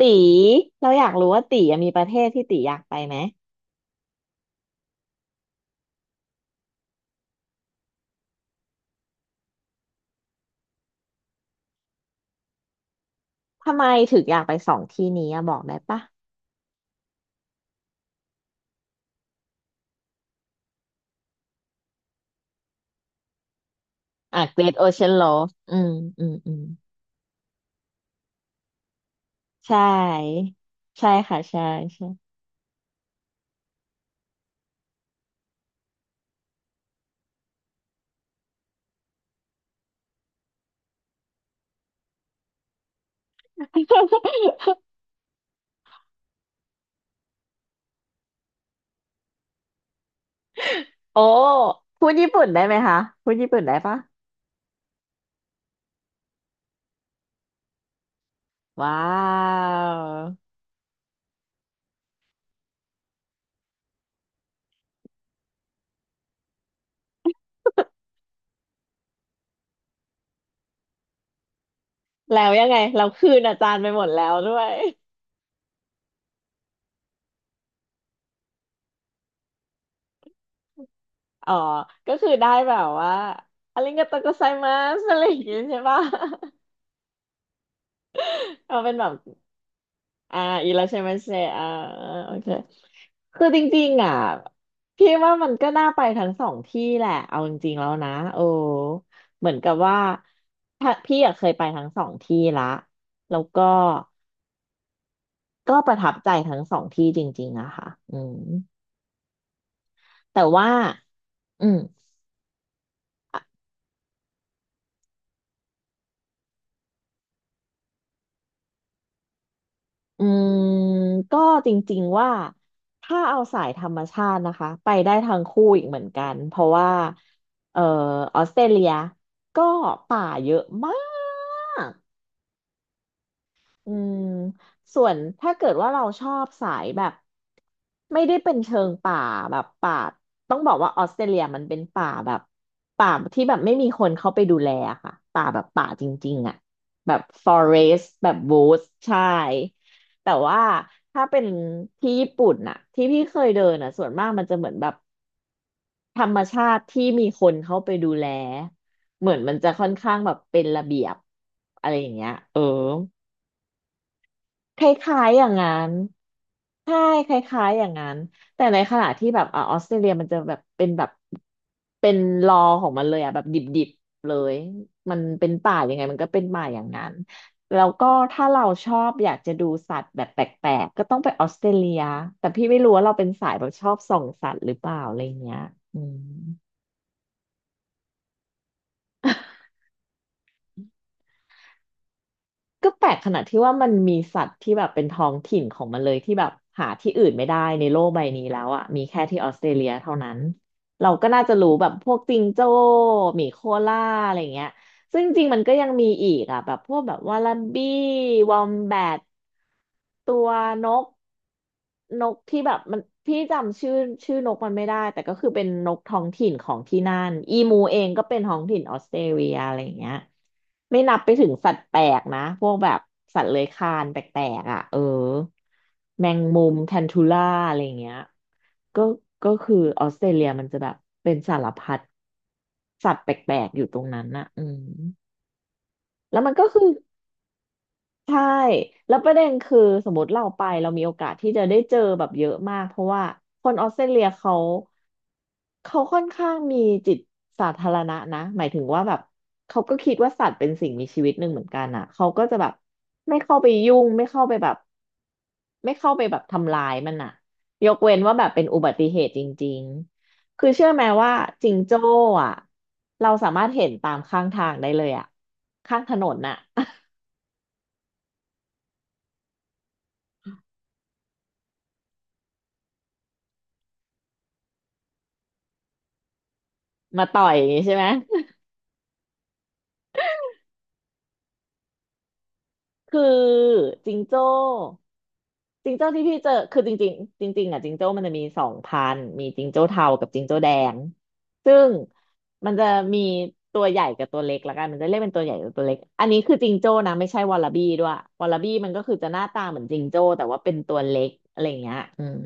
ตีเราอยากรู้ว่าตีอะมีประเทศที่ตีอยากไปไหม ทำไมถึงอยากไปสองที่นี้อะบอกได้ปะอ่ะ Great Ocean Road อืม อืม อืม ใช่ ใช่ค่ะใช่ใช่ โอ้ พูดญี่ปุ่นได้ไหมคะ พูดญี่ปุ่นได้ปะว้าว แล้วยังไง เราคืนอาจารย์ไปหมดแล้วด้วย อ๋อ ก็คือได้แบบว่าอาริงโกโตโกไซมัสอะไรอย่างงี้ใช่ปะ เอาเป็นแบบ อ่าอีลาเชมัสเซอ่าโอเคคือจริงๆอ่ะพี่ว่ามันก็น่าไปทั้งสองที่แหละเอาจริงๆแล้วนะโอ้เหมือนกับว่าถ้าพี่อะเคยไปทั้งสองที่ละแล้วก็ก็ประทับใจทั้งสองที่จริงๆอะค่ะอืมแต่ว่าอืมออืมก็จริงๆว่าถ้าเอาสายธรรมชาตินะคะไปได้ทั้งคู่อีกเหมือนกันเพราะว่าเอ่อออสเตรเลียก็ อืมส่วนถ้าเกิดว่าเราชอบสายแบบไม่ได้เป็นเชิงป่าแบบป่าต้องบอกว่าออสเตรเลียมันเป็นป่าแบบป่าที่แบบไม่มีคนเข้าไปดูแลอะค่ะป่าแบบป่าจริงๆอ่ะแบบ forest แบบ woods ใช่แต่ว่าถ้าเป็นที่ญี่ปุ่นน่ะที่พี่เคยเดินน่ะส่วนมากมันจะเหมือนแบบธรรมชาติที่มีคนเข้าไปดูแลเหมือนมันจะค่อนข้างแบบเป็นระเบียบอะไรอย่างเงี้ยเออ คล้ายๆอย่างนั้นใช่คล้ายๆอย่างนั้นแต่ในขณะที่แบบออสเตรเลียมันจะแบบเป็นแบบเป็นรอของมันเลยอ่ะแบบดิบๆเลยมันเป็นป่ายังไงมันก็เป็นป่าอย่างนั้นแล้วก็ถ้าเราชอบอยากจะดูสัตว์แบบแปลกๆก็ต้องไปออสเตรเลียแต่พี่ไม่รู้ว่าเราเป็นสายแบบชอบส่องสัตว์หรือเปล่าอะไรเงี้ยอืม ก็แปลกขนาดที่ว่ามันมีสัตว์ที่แบบเป็นท้องถิ่นของมันเลยที่แบบหาที่อื่นไม่ได้ในโลกใบนี้แล้วอ่ะมีแค่ที่ออสเตรเลียเท่านั้นเราก็น่าจะรู้แบบพวกจิงโจ้หมีโคล่าอะไรเงี้ยซึ่งจริงๆมันก็ยังมีอีกอ่ะแบบพวกแบบวาลาบี้วอมแบท ตัวนกที่แบบมันพี่จำชื่อชื่อนกมันไม่ได้แต่ก็คือเป็นนกท้องถิ่นของที่นั่นอีมูเองก็เป็นท้องถิ่นออสเตรเลียอะไรอย่างเงี้ยไม่นับไปถึงสัตว์แปลกนะพวกแบบสัตว์เลื้อยคลานแปลกๆอ่ะเออแมงมุมแทนทูล่าอะไรอย่างเงี้ยก็ก็คือออสเตรเลียมันจะแบบเป็นสารพัดสัตว์แปลกๆอยู่ตรงนั้นน่ะอืมแล้วมันก็คือ ใช่แล้วประเด็นคือสมมติเราไปเรามีโอกาสที่จะได้เจอแบบเยอะมากเพราะว่าคนออสเตรเลียเขาเขาค่อนข้างมีจิตสาธารณะนะหมายถึงว่าแบบเขาก็คิดว่าสัตว์เป็นสิ่งมีชีวิตหนึ่งเหมือนกันอ่ะเขาก็จะแบบไม่เข้าไปยุ่งไม่เข้าไปแบบไม่เข้าไปแบบทำลายมันอ่ะยกเว้นว่าแบบเป็นอุบัติเหตุจริงๆคือเชื่อไหมว่าจิงโจ้อ่ะเราสามารถเห็นตามข้างทางได้เลยอ่ะข้างถนนน่ะ มาต่อยอย่างงี้ใช่ไหม คือจิงโจ้จิงโจ้ที่พี่เจอคือจริงๆจริงๆอ่ะจิงโจ้มันจะมีสองพันธุ์มีจิงโจ้เทากับจิงโจ้แดงซึ่งมันจะมีตัวใหญ่กับตัวเล็กละกันมันจะเรียกเป็นตัวใหญ่กับตัวเล็กอันนี้คือจิงโจ้นะไม่ใช่วอลลาบี้ด้วยวอลลาบี้มันก็คือจะหน้าตาเหมือนจิงโจ้แต่ว่าเป็นตัวเล็กอะไรอย่างเงี้ยอืม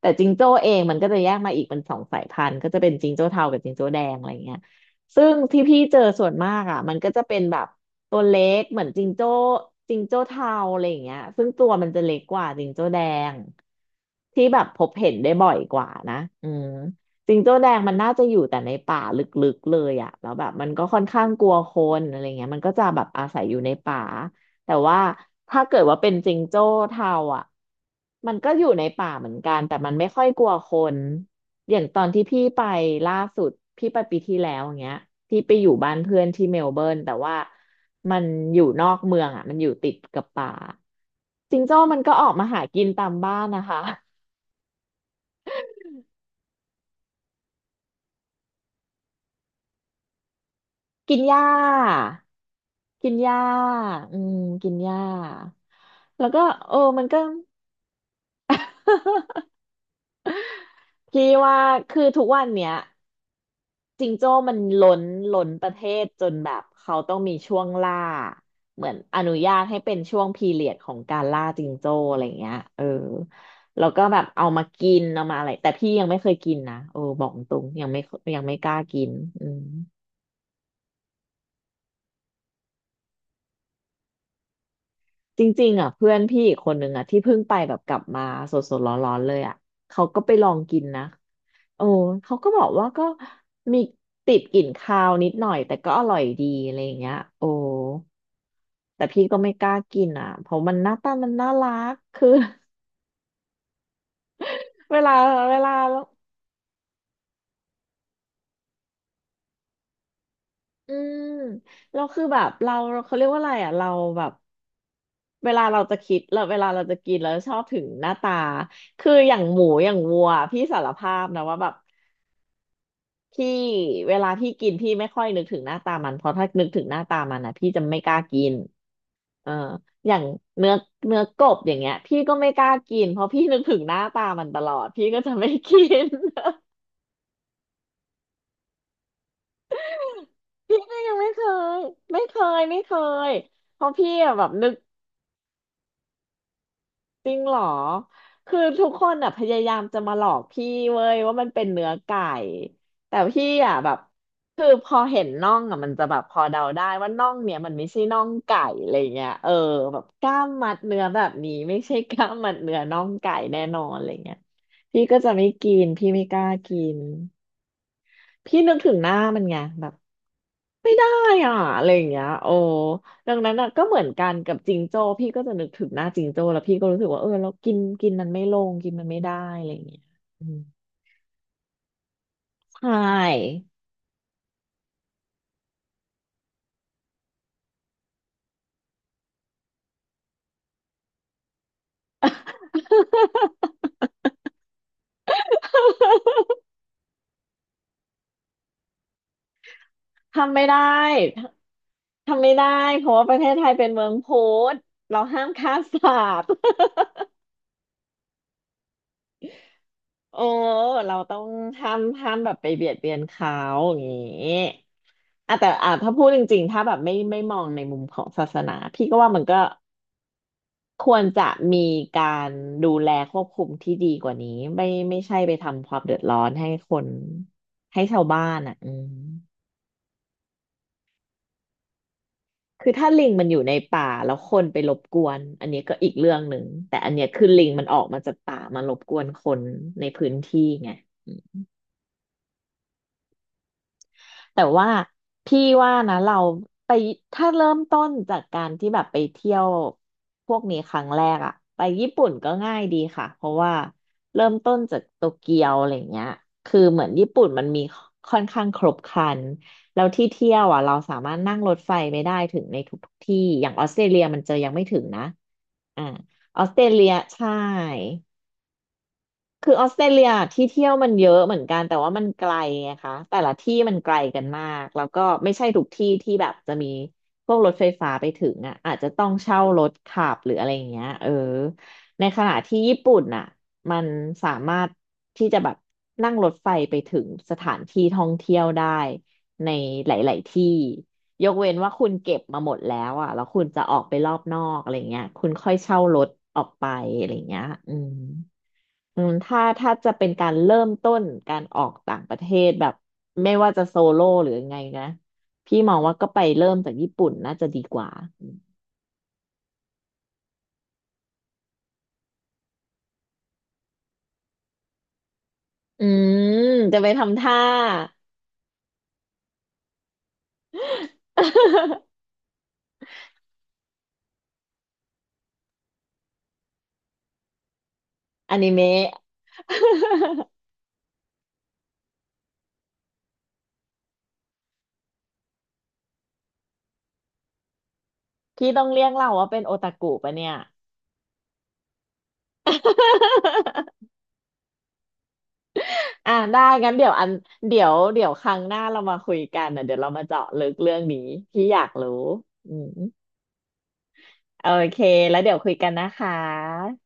แต่จิงโจ้เองมันก็จะแยกมาอีกเป็นสองสายพันธุ์ก็จะเป็นจิงโจ้เทากับจิงโจ้แดงอะไรอย่างเงี้ย ซึ่งที่พี่เจอส่วนมากอ่ะมันก็จะเป็นแบบตัวเล็กเหมือนจิงโจ้จิงโจ้เทาอะไรอย่างเงี้ยซึ่งตัวมันจะเล็กกว่าจิงโจ้แดงที่แบบพบเห็นได้บ่อยกว่านะอืมจิงโจ้แดงมันน่าจะอยู่แต่ในป่าลึกๆเลยอ่ะแล้วแบบมันก็ค่อนข้างกลัวคนอะไรเงี้ยมันก็จะแบบอาศัยอยู่ในป่า แต่ว่าถ้าเกิดว่าเป็นจิงโจ้เทาอ่ะมันก็อยู่ในป่าเหมือนกันแต่มันไม่ค่อยกลัวคนอย่างตอนที่พี่ไปล่าสุดพี่ไปปีที่แล้วอย่างเงี้ยพี่ไปอยู่บ้านเพื่อนที่เมลเบิร์นแต่ว่ามันอยู่นอกเมืองอ่ะมันอยู่ติดกับป่าจิงโจ้มันก็ออกมาหากินตามบ้านนะคะกินหญ้ากินหญ้าอืมกินหญ้าแล้วก็เออมันก็ พี่ว่าคือทุกวันเนี้ย จิงโจ้มันล้นประเทศจนแบบเขาต้องมีช่วงล่าเหมือนอนุญาตให้เป็นช่วงพีเรียดของการล่าจิงโจ้อะไรเงี้ยเออแล้วก็แบบเอามากินเอามาอะไรแต่พี่ยังไม่เคยกินนะเออบอกตรงยังไม่ยังไม่กล้ากินอืมจริงๆอ่ะเพื่อนพี่อีกคนนึงอ่ะที่เพิ่งไปแบบกลับมาสดๆร้อนๆเลยอ่ะเขาก็ไปลองกินนะโอ้เขาก็บอกว่าก็มีติดกลิ่นคาวนิดหน่อยแต่ก็อร่อยดีอะไรอย่างเงี้ยโอ้ แต่พี่ก็ไม่กล้ากินอ่ะเพราะมันหน้าตามันน่ารักคือ เวลาเวลาอืมเราคือแบบเราเขาเรียกว่าอะไรอ่ะเราแบบเวลาเราจะคิดแล้วเวลาเราจะกินแล้วชอบถึงหน้าตาคืออย่างหมูอย่างวัวพี่สารภาพนะว่าแบบพี่เวลาพี่กินพี่ไม่ค่อยนึกถึงหน้าตามันเพราะถ้านึกถึงหน้าตามันนะพี่จะไม่กล้ากินเอออย่างเนื้อกบอย่างเงี้ยพี่ก็ไม่กล้ากินเพราะพี่นึกถึงหน้าตามันตลอดพี่ก็จะไม่กิน พี่ก็ยังไม่เคยไม่เคยเพราะพี่อะแบบนึกจริงเหรอคือทุกคนอ่ะพยายามจะมาหลอกพี่เว้ยว่ามันเป็นเนื้อไก่แต่พี่อ่ะแบบคือพอเห็นน่องอ่ะมันจะแบบพอเดาได้ว่าน่องเนี่ยมันไม่ใช่น่องไก่อะไรเงี้ยเออแบบกล้ามมัดเนื้อแบบนี้ไม่ใช่กล้ามมัดเนื้อน่องไก่แน่นอนอะไรเงี้ยพี่ก็จะไม่กินพี่ไม่กล้ากินพี่นึกถึงหน้ามันไงแบบ ไม่ได้อ่ะอะไรอย่างเงี้ยโอ้ดังนั้นอ่ะก็เหมือนกันกับจิงโจ้พี่ก็จะนึกถึงหน้าจิงโจ้แล้วพี่ก็รู้สึกว่าเออเรากินกินมันไม่ลงกินมันไม่ได้อะไรอย่างเงี้ยอืมใช่ ทำไม่ได้ทำไม่ได้เพราะว่าประเทศไทยเป็นเมืองพุทธเราห้ามฆ่าสัตว์ โอ้เราต้องห้ามแบบไปเบียดเบียนเขาอย่างนี้อ่ะแต่อ่ะถ้าพูดจริงๆถ้าแบบไม่มองในมุมของศาสนาพี่ก็ว่ามันก็ ควรจะมีการดูแลควบคุมที่ดีกว่านี้ไม่ใช่ไปทำความเดือดร้อนให้คนให้ชาวบ้านอ่ะอืมคือถ้าลิงมันอยู่ในป่าแล้วคนไปรบกวนอันนี้ก็อีกเรื่องหนึ่งแต่อันเนี้ยคือลิงมันออกมาจากป่ามารบกวนคนในพื้นที่ไง แต่ว่าพี่ว่านะเราไปถ้าเริ่มต้นจากการที่แบบไปเที่ยวพวกนี้ครั้งแรกอะไปญี่ปุ่นก็ง่ายดีค่ะเพราะว่าเริ่มต้นจากโตเกียวอะไรเงี้ยคือเหมือนญี่ปุ่นมันมีค่อนข้างครบครันแล้วที่เที่ยวอ่ะเราสามารถนั่งรถไฟไปได้ถึงในทุกๆที่อย่างออสเตรเลียมันจะยังไม่ถึงนะอ่าออสเตรเลียใช่ คือออสเตรเลียที่เที่ยวมันเยอะเหมือนกันแต่ว่ามันไกลไงคะแต่ละที่มันไกลกันมากแล้วก็ไม่ใช่ทุกที่ที่แบบจะมีพวกรถไฟฟ้าไปถึงอ่ะอาจจะต้องเช่ารถขับหรืออะไรอย่างเงี้ยเออในขณะที่ญี่ปุ่นอ่ะมันสามารถที่จะแบบนั่งรถไฟไปถึงสถานที่ท่องเที่ยวได้ในหลายๆที่ยกเว้นว่าคุณเก็บมาหมดแล้วอ่ะแล้วคุณจะออกไปรอบนอกอะไรเงี้ยคุณค่อยเช่ารถออกไปอะไรเงี้ยอืม อืมถ้าจะเป็นการเริ่มต้นการออกต่างประเทศแบบไม่ว่าจะโซโล่หรือยังไงนะพี่มองว่าก็ไปเริ่มจากญี่ปุ่นน่าจะดีกว่าอืมจะไปทำท่า อนิเมะ พี่ต้องเรียกเราว่าเป็นโอตาคุปะเนี่ย อ่ะได้งั้นเดี๋ยวอันเดี๋ยวครั้งหน้าเรามาคุยกันนะเดี๋ยวเรามาเจาะลึกเรื่องนี้พี่อยากรู้อืมโอเคแล้วเดี๋ยวคุยกันนะคะ